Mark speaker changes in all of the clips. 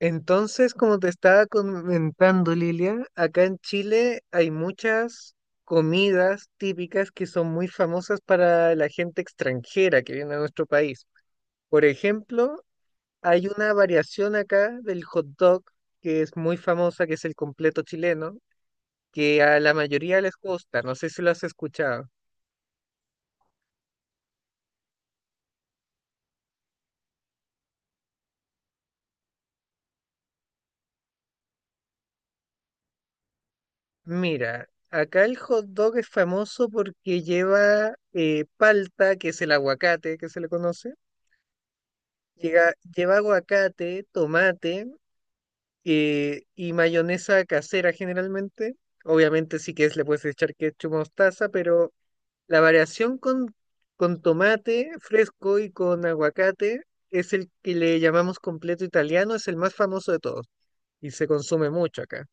Speaker 1: Entonces, como te estaba comentando, Lilia, acá en Chile hay muchas comidas típicas que son muy famosas para la gente extranjera que viene a nuestro país. Por ejemplo, hay una variación acá del hot dog que es muy famosa, que es el completo chileno, que a la mayoría les gusta. No sé si lo has escuchado. Mira, acá el hot dog es famoso porque lleva palta, que es el aguacate que se le conoce. Lleva aguacate, tomate, y mayonesa casera generalmente. Obviamente, si quieres le puedes echar ketchup, mostaza, pero la variación con tomate fresco y con aguacate es el que le llamamos completo italiano, es el más famoso de todos y se consume mucho acá.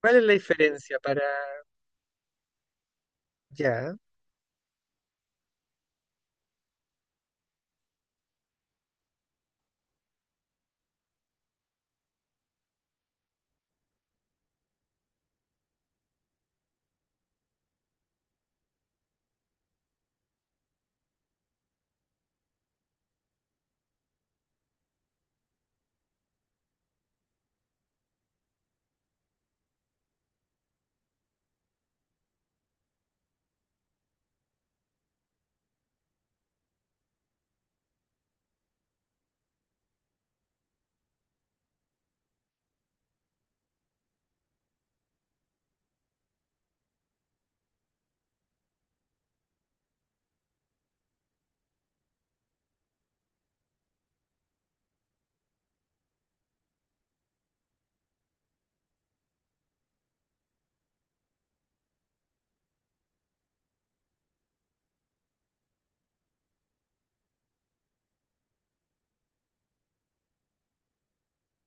Speaker 1: ¿Cuál es la diferencia para ya?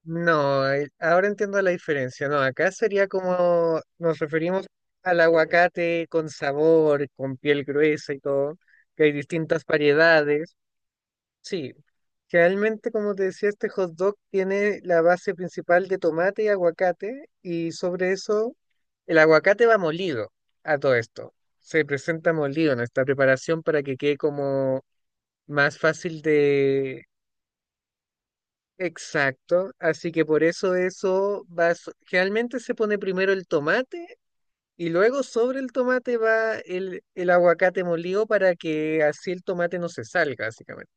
Speaker 1: No, ahora entiendo la diferencia. No, acá sería como nos referimos al aguacate con sabor, con piel gruesa y todo, que hay distintas variedades. Sí, realmente como te decía, este hot dog tiene la base principal de tomate y aguacate, y sobre eso el aguacate va molido, a todo esto. Se presenta molido en esta preparación para que quede como más fácil. Exacto, así que por eso eso va, generalmente se pone primero el tomate y luego sobre el tomate va el aguacate molido para que así el tomate no se salga, básicamente.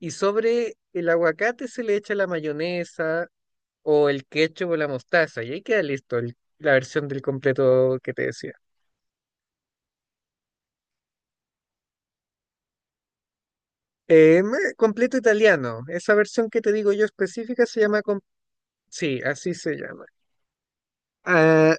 Speaker 1: Y sobre el aguacate se le echa la mayonesa o el ketchup o la mostaza, y ahí queda listo la versión del completo que te decía. Completo italiano, esa versión que te digo yo específica se llama, sí, así se llama. Ah,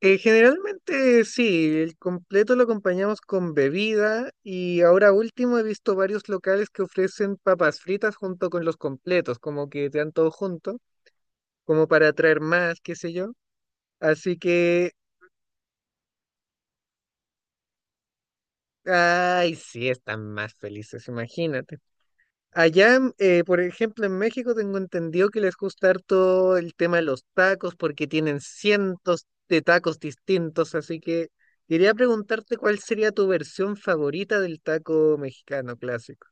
Speaker 1: Generalmente sí, el completo lo acompañamos con bebida, y ahora último he visto varios locales que ofrecen papas fritas junto con los completos, como que te dan todo junto, como para atraer más, qué sé yo. Así que, ay, sí, están más felices, imagínate. Allá, por ejemplo, en México tengo entendido que les gusta harto el tema de los tacos porque tienen cientos de tacos distintos, así que quería preguntarte cuál sería tu versión favorita del taco mexicano clásico.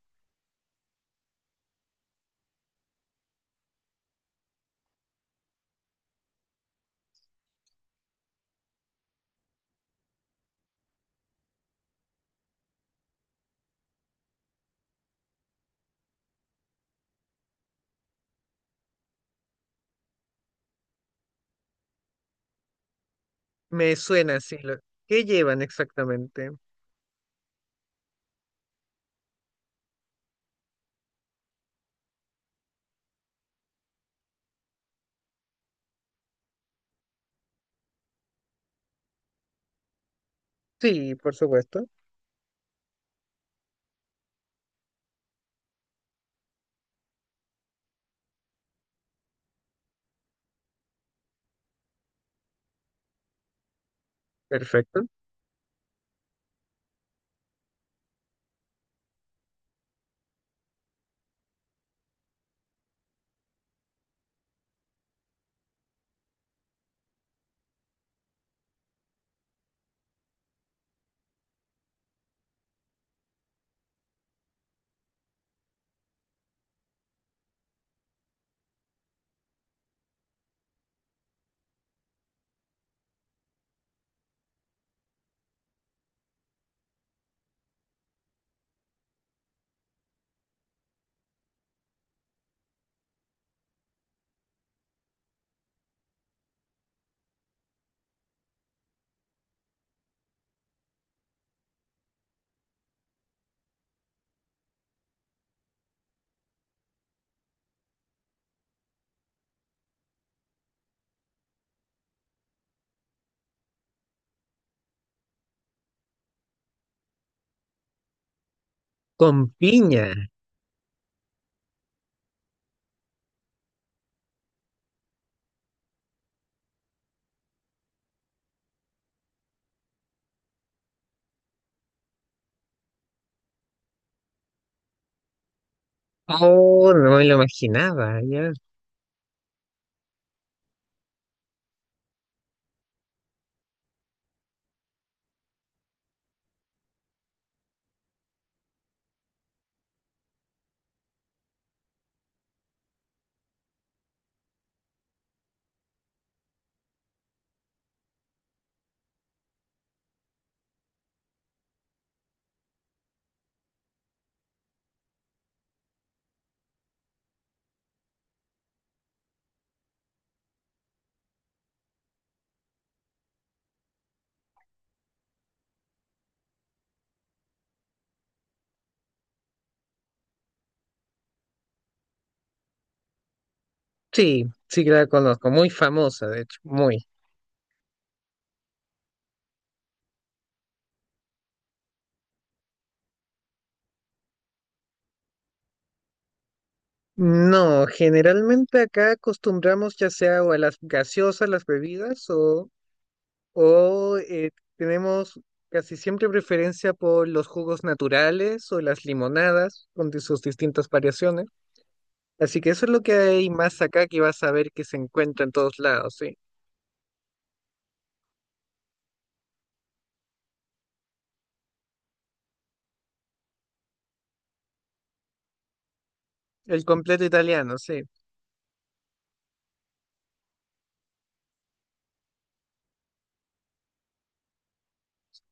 Speaker 1: Me suena así. ¿Qué llevan exactamente? Sí, por supuesto. Perfecto. Con piña. Oh, no me lo imaginaba, ya. Sí, sí que la conozco, muy famosa, de hecho, muy. No, generalmente acá acostumbramos ya sea o a las gaseosas, las bebidas, o tenemos casi siempre preferencia por los jugos naturales o las limonadas con sus distintas variaciones. Así que eso es lo que hay más acá que vas a ver que se encuentra en todos lados, sí. El completo italiano, sí.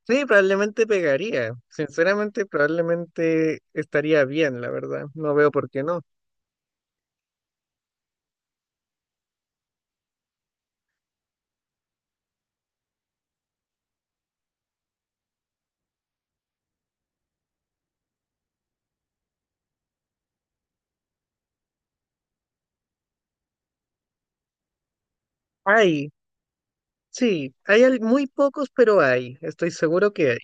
Speaker 1: Sí, probablemente pegaría. Sinceramente, probablemente estaría bien, la verdad. No veo por qué no. Ay, sí, hay muy pocos, pero hay, estoy seguro que hay.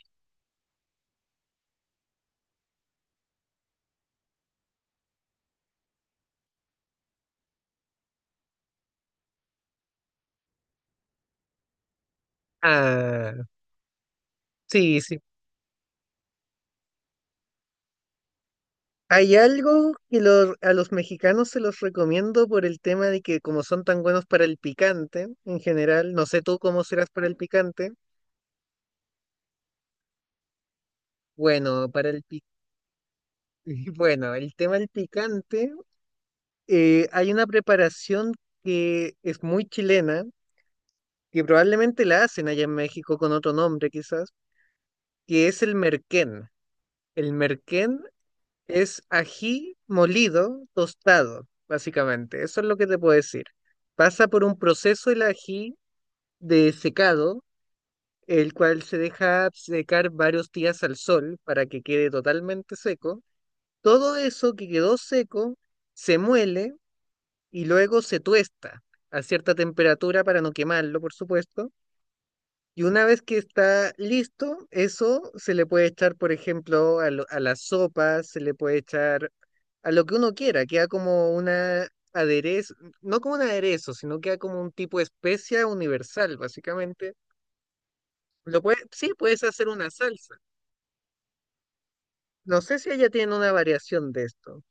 Speaker 1: Ah, sí, sí. Hay algo que los, a los mexicanos se los recomiendo por el tema de que como son tan buenos para el picante en general, no sé tú cómo serás para el picante. Bueno, para el bueno, el tema del picante, hay una preparación que es muy chilena, que probablemente la hacen allá en México con otro nombre quizás, que es el merquén. El merquén es ají molido, tostado, básicamente. Eso es lo que te puedo decir. Pasa por un proceso el ají de secado, el cual se deja secar varios días al sol para que quede totalmente seco. Todo eso que quedó seco se muele y luego se tuesta a cierta temperatura para no quemarlo, por supuesto, y una vez que está listo, eso se le puede echar, por ejemplo, a, a las sopas, se le puede echar a lo que uno quiera, queda como una aderezo, no como un aderezo, sino queda como un tipo de especia universal, básicamente. Lo puede, sí, puedes hacer una salsa. No sé si ella tiene una variación de esto.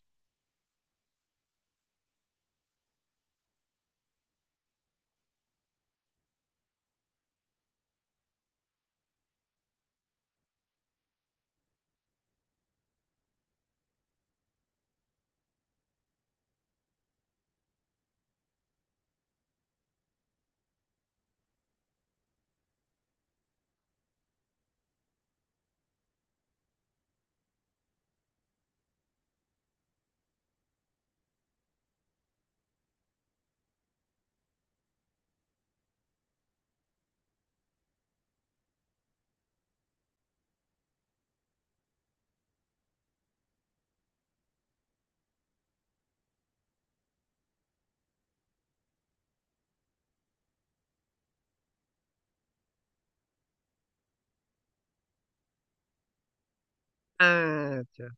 Speaker 1: Ah, ya.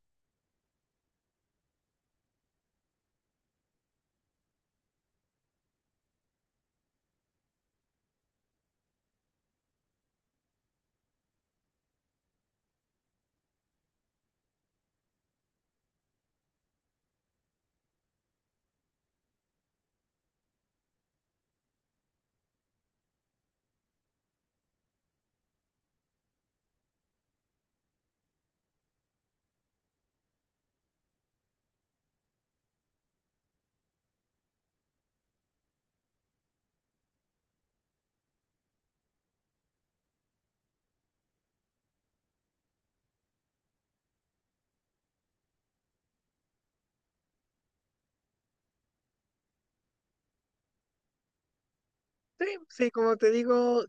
Speaker 1: Sí, sí,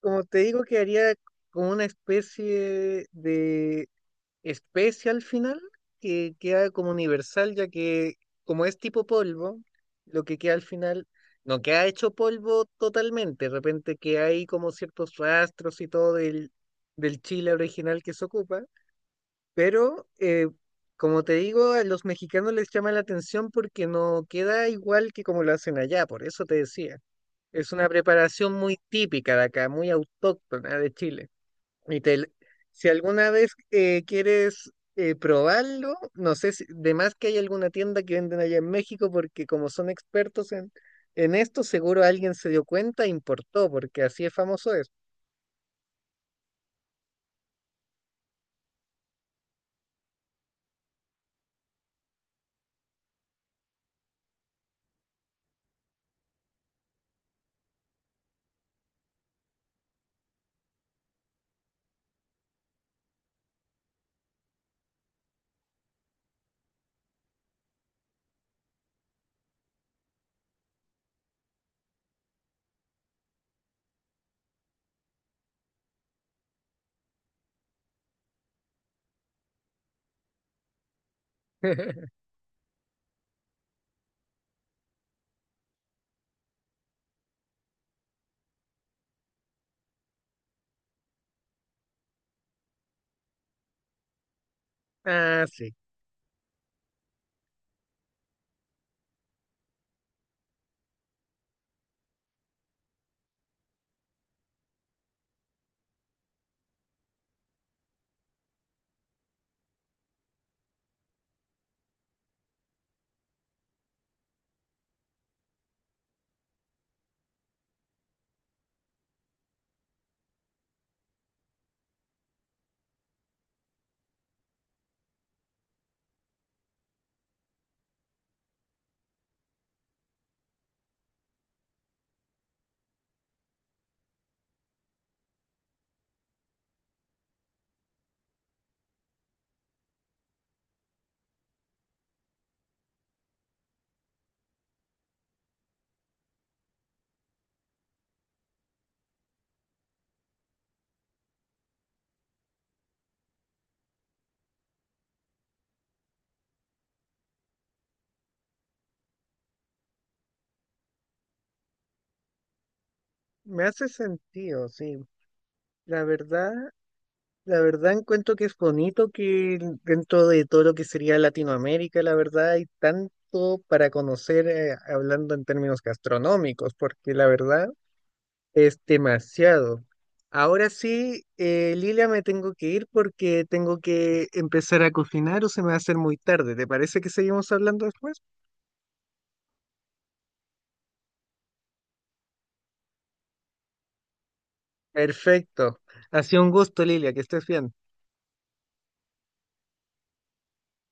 Speaker 1: como te digo, que haría como una especie de especie al final que queda como universal, ya que como es tipo polvo, lo que queda al final no queda hecho polvo totalmente, de repente que hay como ciertos rastros y todo del, del chile original que se ocupa, pero como te digo, a los mexicanos les llama la atención porque no queda igual que como lo hacen allá, por eso te decía. Es una preparación muy típica de acá, muy autóctona de Chile. Y si alguna vez quieres probarlo, no sé si, de más que hay alguna tienda que venden allá en México, porque como son expertos en esto, seguro alguien se dio cuenta e importó, porque así es famoso es. Ah, sí, me hace sentido, sí. La verdad, la verdad encuentro que es bonito que dentro de todo lo que sería Latinoamérica, la verdad hay tanto para conocer, hablando en términos gastronómicos, porque la verdad... Es demasiado. Ahora sí, Lilia, me tengo que ir porque tengo que empezar a cocinar o se me va a hacer muy tarde. ¿Te parece que seguimos hablando después? Perfecto. Ha sido un gusto, Lilia, que estés bien.